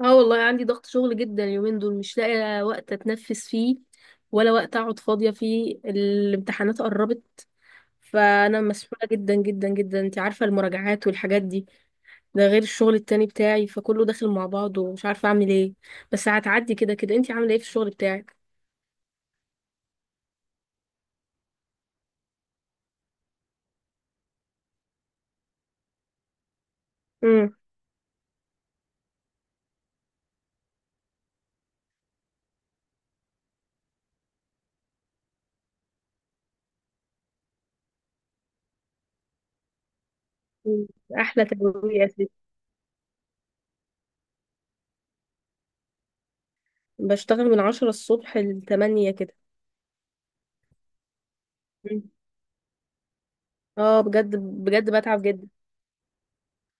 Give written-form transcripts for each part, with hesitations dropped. اه، والله عندي ضغط شغل جدا اليومين دول، مش لاقي وقت اتنفس فيه ولا وقت اقعد فاضية فيه. الامتحانات قربت، فانا مسحولة جدا جدا جدا. انت عارفة المراجعات والحاجات دي. ده غير الشغل التاني بتاعي، فكله داخل مع بعضه ومش عارفة اعمل ايه. بس هتعدي كده كده. انت عاملة ايه في الشغل بتاعك؟ امم. احلى تجربة يا ستي. بشتغل من 10 الصبح ل8 كده. مم. اه بجد بجد بتعب جدا.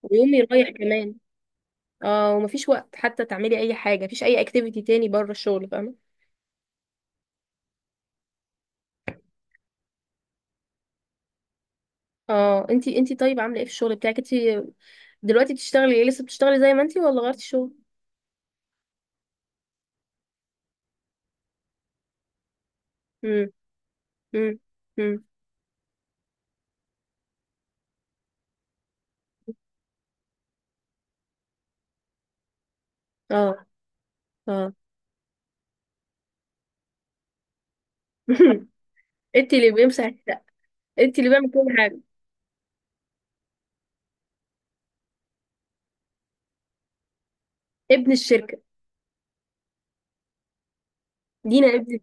ويومي رايح كمان. اه ومفيش وقت حتى تعملي اي حاجه، مفيش اي اكتيفيتي تاني بره الشغل، فاهمه؟ اه، انتي طيب عامله ايه في الشغل بتاعك انتي دلوقتي؟ بتشتغلي ايه؟ لسه بتشتغلي زي ما انتي ولا غيرتي شغل؟ امم. امم. امم. اه. اه. انتي اللي بيمسح الشقه، انتي اللي بيعمل كل حاجه. ابن الشركه. دينا ابن.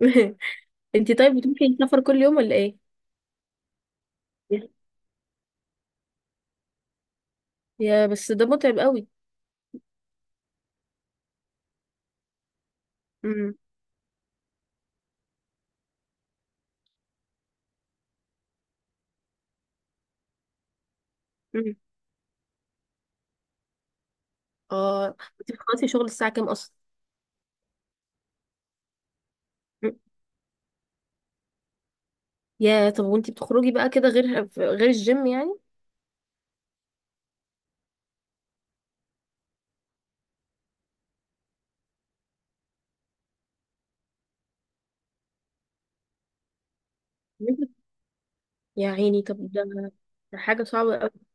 انتي طيب بتروحي السفر كل يوم ولا ايه؟ يا بس ده متعب قوي. امم. امم. اه انتي بتخلصي شغل الساعه كام اصلا؟ مم. يا طب وانتي بتخرجي بقى كده غير، غير الجيم يعني؟ يا عيني طب ده، ده حاجة صعبة أوي.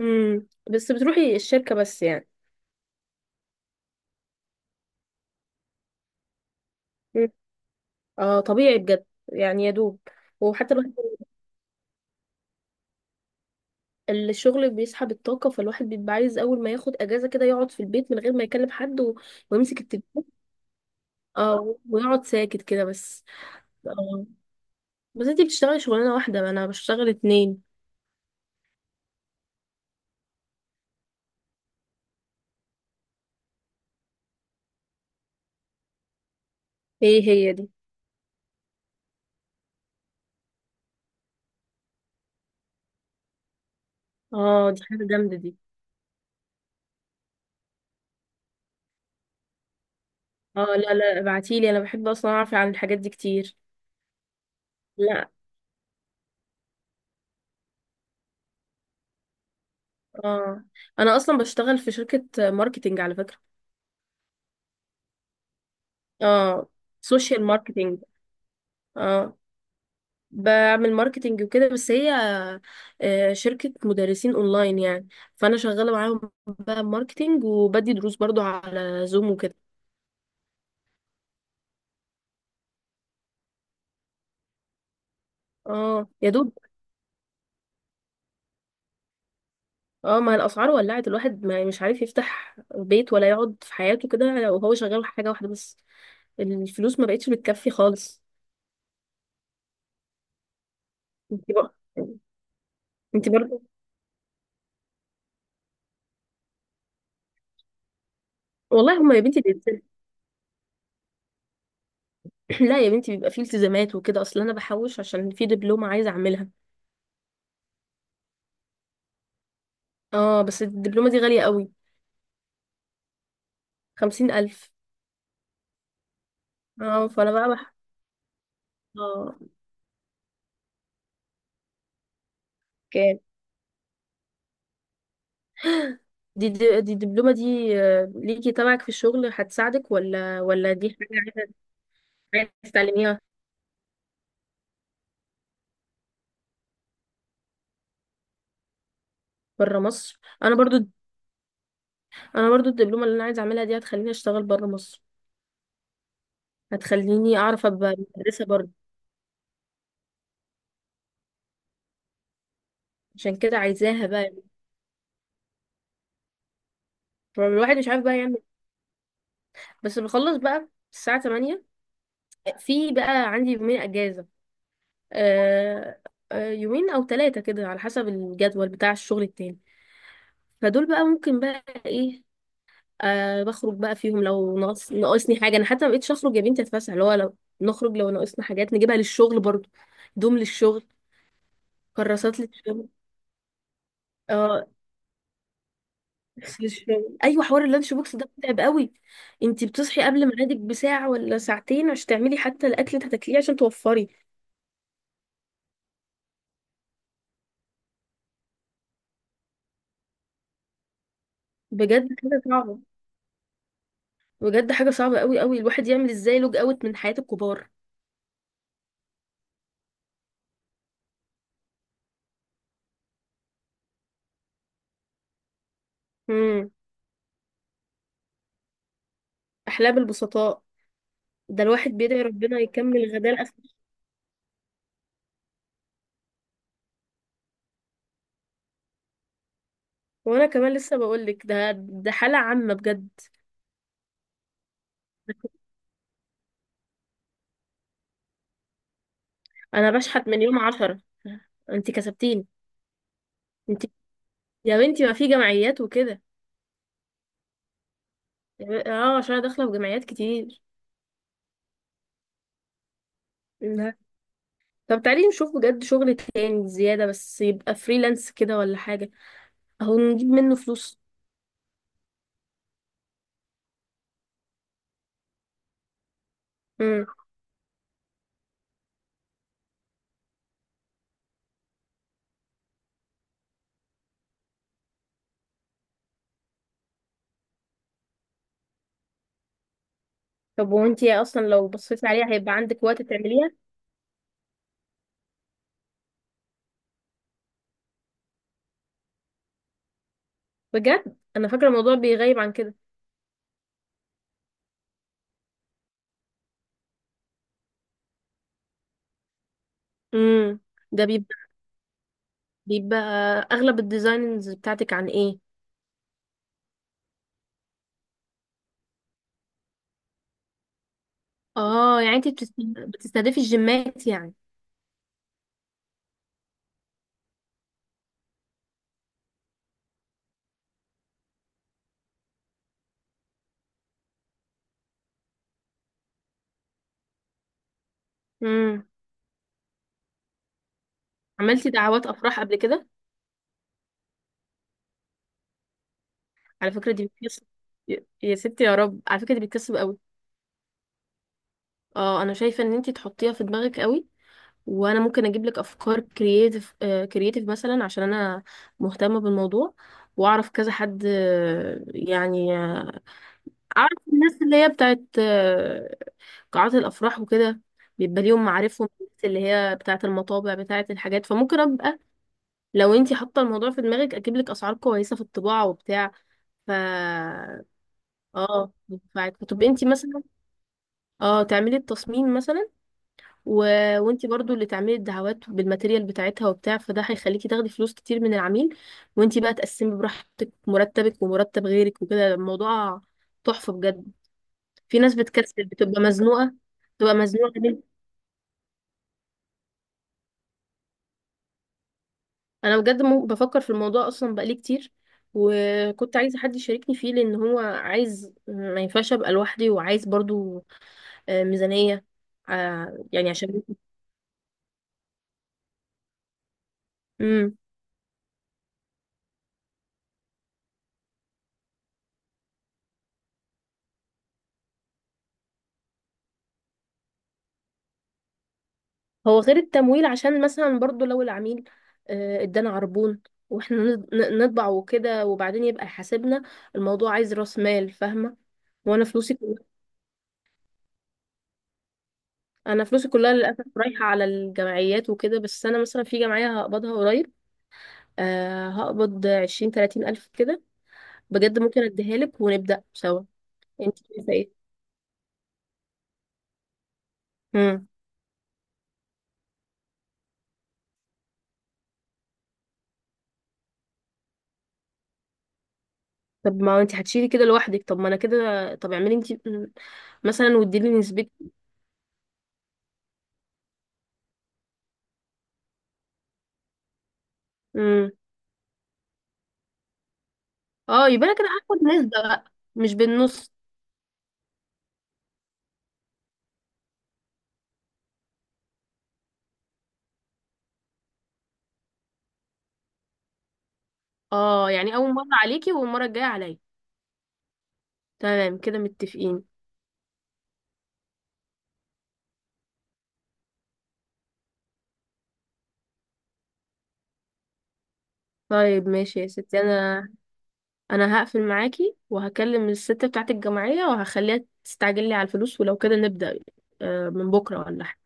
امم. بس بتروحي الشركة بس يعني؟ مم. اه طبيعي بجد. يعني يا دوب. وحتى الواحد، الشغل بيسحب الطاقة، فالواحد بيبقى عايز أول ما ياخد أجازة كده يقعد في البيت من غير ما يكلم حد و ويمسك التليفون. اه ويقعد ساكت كده بس. اه، بس انتي بتشتغلي شغلانة واحدة، أنا بشتغل اتنين. ايه هي دي؟ اه دي حاجة جامدة دي. اه لا ابعتيلي، أنا بحب أصلا أعرف عن الحاجات دي كتير. لا. اه، أنا أصلا بشتغل في شركة ماركتينج على فكرة. اه سوشيال ماركتينج. اه بعمل ماركتينج وكده، بس هي آه، شركة مدرسين اونلاين يعني. فانا شغالة معاهم بقى ماركتينج وبدي دروس برضو على زوم وكده. اه يا دوب. اه، ما الاسعار ولعت، الواحد ما يعني مش عارف يفتح بيت ولا يقعد في حياته كده لو هو شغال حاجة واحدة بس. الفلوس ما بقتش بتكفي خالص. انت بقى. انت برضه. والله هما يا بنتي لا يا بنتي بيبقى فيه التزامات وكده. اصل انا بحوش عشان في دبلومة عايزة اعملها. اه بس الدبلومة دي غالية قوي. 50,000. اه فأنا بقى اه. كام؟ دي الدبلومة دي آه، ليكي تبعك في الشغل، هتساعدك ولا دي حاجة عايزة، عايزة تتعلميها؟ بره مصر. أنا برضو الدبلومة اللي أنا عايزة أعملها دي هتخليني أشتغل بره مصر. هتخليني أعرف أبقى مدرسة برضو. عشان كده عايزاها بقى. الواحد مش عارف بقى يعمل إيه. بس بخلص بقى الساعة 8. في بقى عندي يومين أجازة. آه. آه، يومين أو ثلاثة كده على حسب الجدول بتاع الشغل التاني. فدول بقى ممكن بقى ايه؟ آه بخرج بقى فيهم لو ناقص، ناقصني حاجه. انا حتى ما بقتش اخرج يا بنتي اتفسح، اللي هو لو نخرج لو ناقصنا حاجات نجيبها للشغل برضو. دوم للشغل. كراسات للشغل. اه لبس للشغل. ايوه، حوار اللانش بوكس ده متعب قوي. انتي بتصحي قبل ميعادك بساعه ولا ساعتين عشان تعملي حتى الاكل اللي هتاكليه عشان توفري؟ بجد حاجه صعبه. بجد حاجه صعبه قوي قوي. الواحد يعمل ازاي لوج اوت من حياه الكبار؟ امم. احلام البسطاء. ده الواحد بيدعي ربنا يكمل غداه. وانا كمان لسه بقولك، ده حالة عامة بجد. انا بشحت من يوم 10. انت كسبتيني. انت. يا بنتي، ما في جمعيات وكده. اه عشان انا داخلة في جمعيات كتير. لا. طب تعالي نشوف بجد شغل تاني زيادة، بس يبقى فريلانس كده ولا حاجة، اهو نجيب منه فلوس. امم. طب وانتي اصلا لو بصيتي عليها هيبقى عندك وقت تعمليها؟ بجد انا فاكرة الموضوع بيغيب عن كده. امم. ده بيبقى بيبقى اغلب الديزاينز بتاعتك عن ايه؟ اه يعني انت بتستهدفي الجيمات يعني؟ امم. عملتي دعوات افراح قبل كده؟ على فكره دي بتكسب. يا ستي يا رب، على فكره دي بتكسب قوي. اه انا شايفه ان انت تحطيها في دماغك قوي. وانا ممكن اجيب لك افكار كرييتيف، كرييتيف مثلا عشان انا مهتمه بالموضوع. واعرف كذا حد آه، يعني آه، اعرف الناس اللي هي بتاعت آه، قاعات الافراح وكده. بيبقى ليهم معارفهم، الناس اللي هي بتاعت المطابع بتاعت الحاجات، لو انتي حاطه الموضوع في دماغك اجيب لك اسعار كويسه في الطباعه وبتاع. ف اه ينفعك. طب انتي مثلا اه تعملي التصميم مثلا و... وانتي برضو اللي تعملي الدعوات بالماتيريال بتاعتها وبتاع، فده هيخليكي تاخدي فلوس كتير من العميل. وانتي بقى تقسمي براحتك مرتبك ومرتب غيرك وكده. الموضوع تحفه بجد. في ناس بتكسل بتبقى مزنوقه، بتبقى مزنوقه انا بجد بفكر في الموضوع اصلا بقالي كتير. وكنت عايزه حد يشاركني فيه لان هو عايز، ما ينفعش ابقى لوحدي، وعايز برضو آه، ميزانيه آه، يعني عشان امم. هو غير التمويل، عشان مثلا برضو لو العميل آه، ادانا عربون واحنا نطبع وكده وبعدين يبقى حاسبنا، الموضوع عايز راس مال فاهمه. وانا فلوسي كلها انا فلوسي كلها للاسف رايحه على الجمعيات وكده. بس انا مثلا في جمعيه هقبضها قريب آه، هقبض عشرين تلاتين الف كده. بجد ممكن اديها لك ونبدا سوا. انت شايفه ايه؟ امم. طب ما انت هتشيلي كده لوحدك، طب ما انا كده. طب اعملي انت. مم. مثلا واديلي نسبتك. امم. اه يبقى انا كده هاخد نسبه بقى، مش بالنص. اه يعني اول مره عليكي والمره الجايه عليا. تمام كده متفقين. طيب ماشي يا ستي. انا، انا هقفل معاكي وهكلم الست بتاعت الجمعيه وهخليها تستعجل لي على الفلوس ولو كده نبدا. آه من بكره ولا حاجه.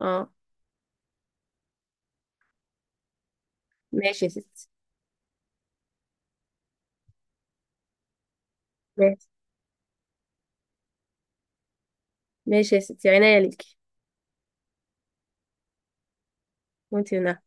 اه. ماشي يا ستي. ماشي ماشي يا ستي، عينيا ليكي. وانت.